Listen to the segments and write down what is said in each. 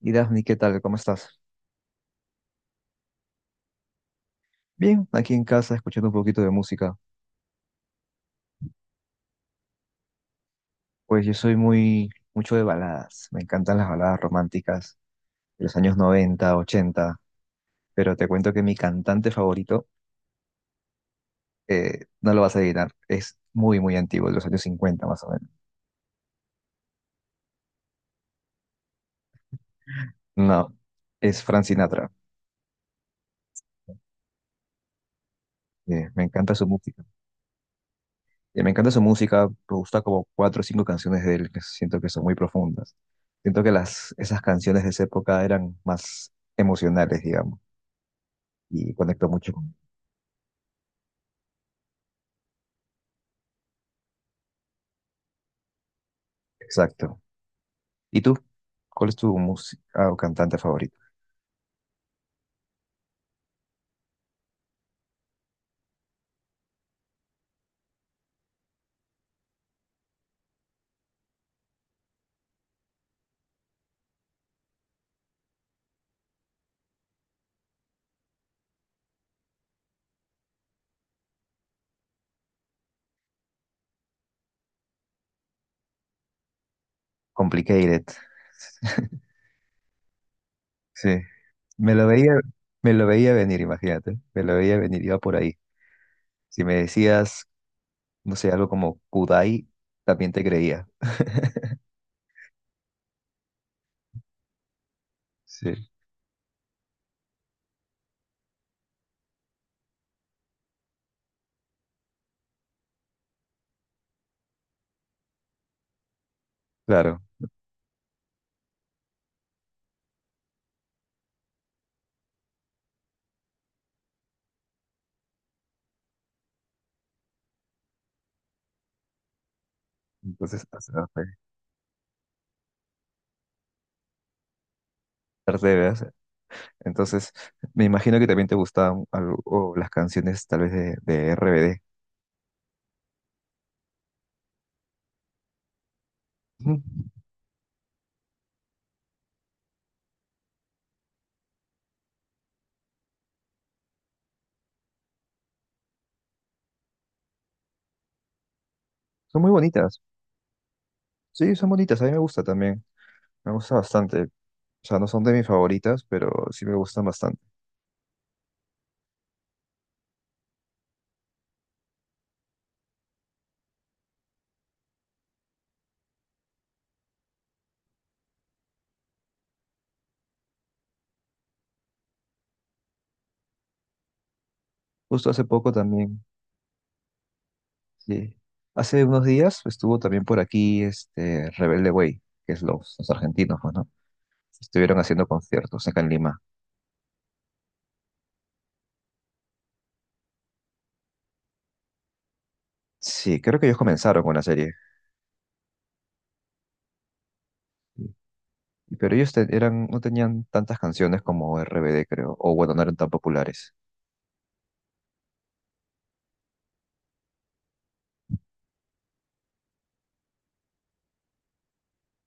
Y Daphne, ¿qué tal? ¿Cómo estás? Bien, aquí en casa escuchando un poquito de música. Pues yo soy muy, mucho de baladas. Me encantan las baladas románticas de los años 90, 80. Pero te cuento que mi cantante favorito, no lo vas a adivinar, es muy, muy antiguo, de los años 50 más o menos. No, es Frank Sinatra. Me encanta su música. Me encanta su música, me gusta como cuatro o cinco canciones de él que siento que son muy profundas. Siento que esas canciones de esa época eran más emocionales, digamos. Y conecto mucho con... Exacto. ¿Y tú? ¿Cuál es tu música o cantante favorito? Complicated. Sí. Me lo veía, me lo veía venir, imagínate. Me lo veía venir, iba por ahí. Si me decías, no sé, algo como Kudai, también te creía. Sí, claro. Entonces, o sea, fue perseveras. Entonces, me imagino que también te gustaban algo, las canciones tal vez de RBD. Ujú. Son muy bonitas. Sí, son bonitas. A mí me gusta también. Me gusta bastante. O sea, no son de mis favoritas, pero sí me gustan bastante. Justo hace poco también, sí. Hace unos días estuvo también por aquí este Rebelde Way, que es los argentinos, pues, ¿no? Estuvieron haciendo conciertos acá en Lima. Sí, creo que ellos comenzaron con la serie. Sí, pero eran, no tenían tantas canciones como RBD, creo. O bueno, no eran tan populares.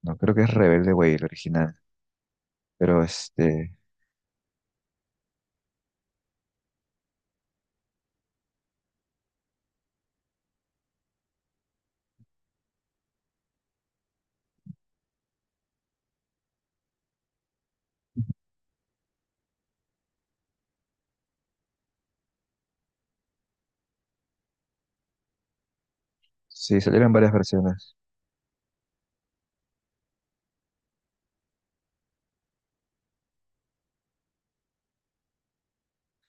No, creo que es Rebelde Way el original. Pero este, sí, salieron varias versiones.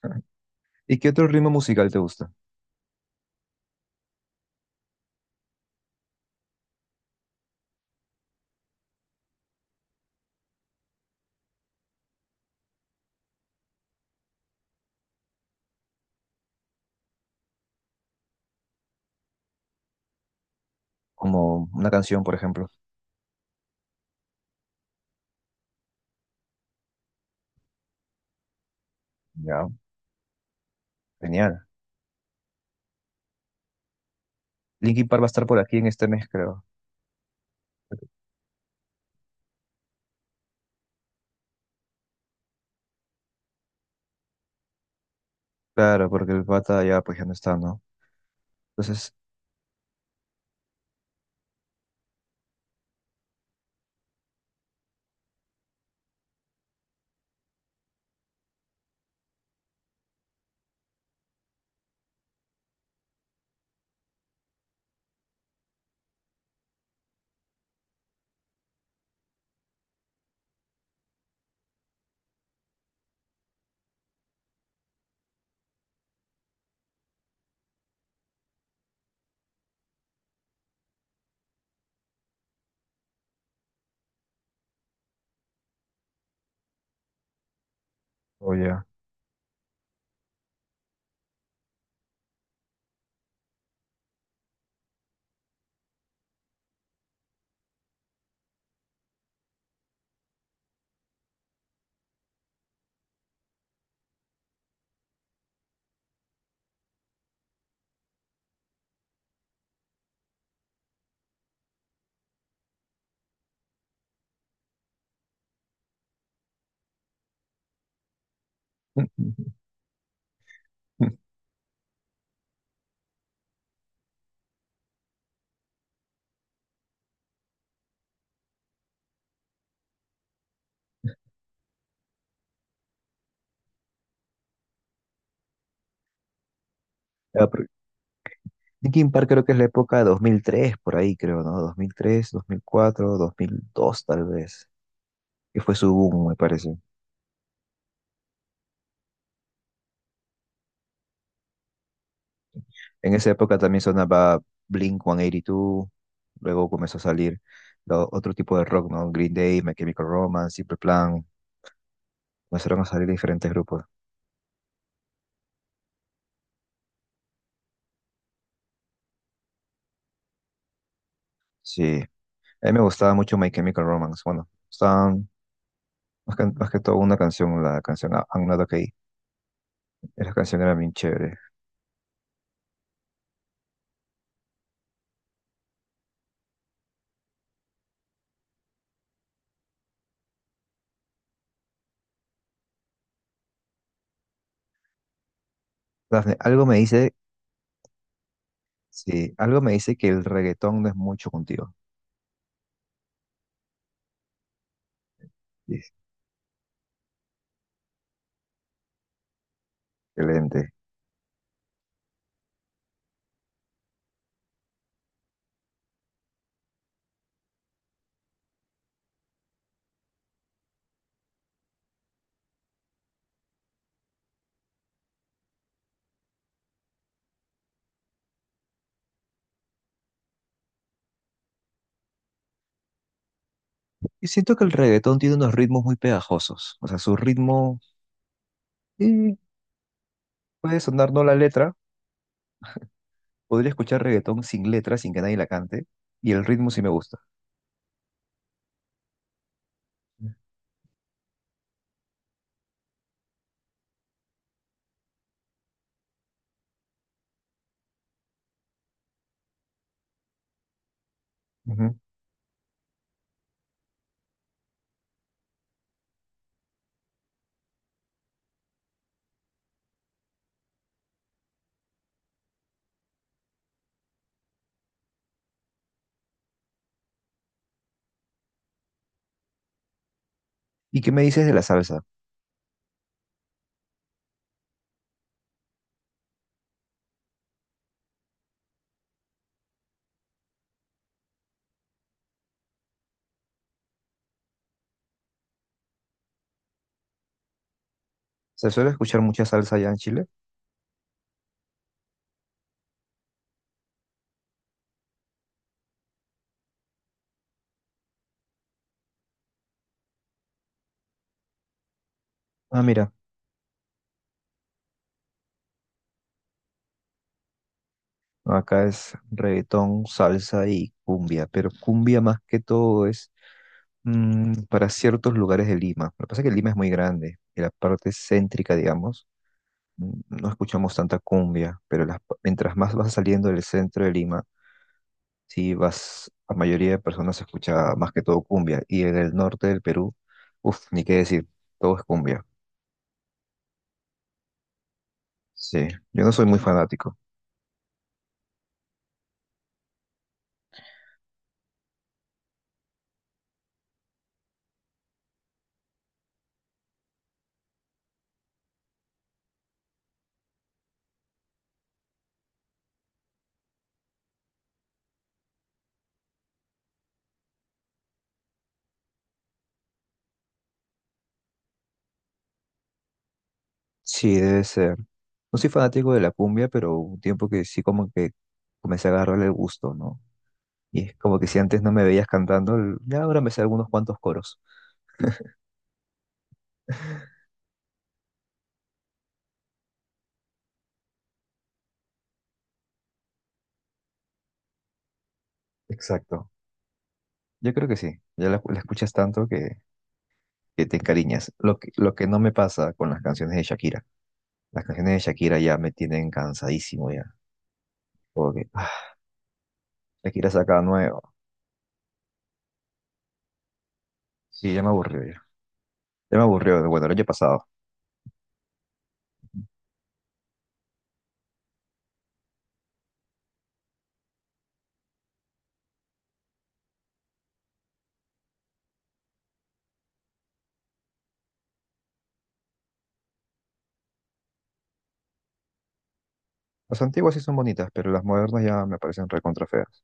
¿Y qué otro ritmo musical te gusta? Como una canción, por ejemplo. Ya, genial. Linkin Park va a estar por aquí en este mes, creo. Claro, porque el pata ya, pues ya no está, ¿no? Entonces, o ya. Ya, pero Linkin Park creo que es la época de 2003, por ahí creo, ¿no? 2003, 2004, 2002 tal vez, que fue su boom, me parece. En esa época también sonaba Blink-182, luego comenzó a salir otro tipo de rock, ¿no? Green Day, My Chemical Romance, Simple Plan, comenzaron a salir diferentes grupos. Sí, a mí me gustaba mucho My Chemical Romance, bueno, estaban más que todo una canción, la canción I'm Not Okay. Esa canción era bien chévere. Dafne, algo me dice, sí, algo me dice que el reggaetón no es mucho contigo. Sí, excelente. Yo siento que el reggaetón tiene unos ritmos muy pegajosos. O sea, su ritmo sí, puede sonar no la letra. Podría escuchar reggaetón sin letra, sin que nadie la cante. Y el ritmo sí me gusta. Ujú. ¿Y qué me dices de la salsa? ¿Se suele escuchar mucha salsa allá en Chile? Ah, mira, acá es reggaetón, salsa y cumbia, pero cumbia más que todo es mm, para ciertos lugares de Lima. Lo que pasa es que Lima es muy grande y la parte céntrica, digamos, mm, no escuchamos tanta cumbia, pero mientras más vas saliendo del centro de Lima, sí vas, la mayoría de personas escucha más que todo cumbia. Y en el norte del Perú, uff, ni qué decir, todo es cumbia. Sí, yo no soy muy fanático. Sí, debe ser. No soy fanático de la cumbia, pero hubo un tiempo que sí como que comencé a agarrarle el gusto, ¿no? Y es como que si antes no me veías cantando, ya ahora me sé algunos cuantos coros. Exacto. Yo creo que sí, ya la escuchas tanto que te encariñas. Lo que no me pasa con las canciones de Shakira. Las canciones de Shakira ya me tienen cansadísimo ya. Como que, ah, Shakira saca nuevo. Sí, ya me aburrió ya. Ya me aburrió, bueno, el año pasado. Las antiguas sí son bonitas, pero las modernas ya me parecen recontra feas.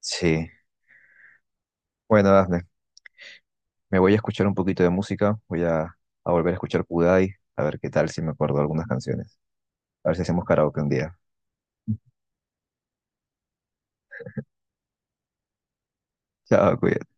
Sí. Bueno, Dafne, me voy a escuchar un poquito de música. Voy a volver a escuchar Kudai, a ver qué tal si me acuerdo de algunas canciones. A ver si hacemos karaoke un día. Chao, cuídate.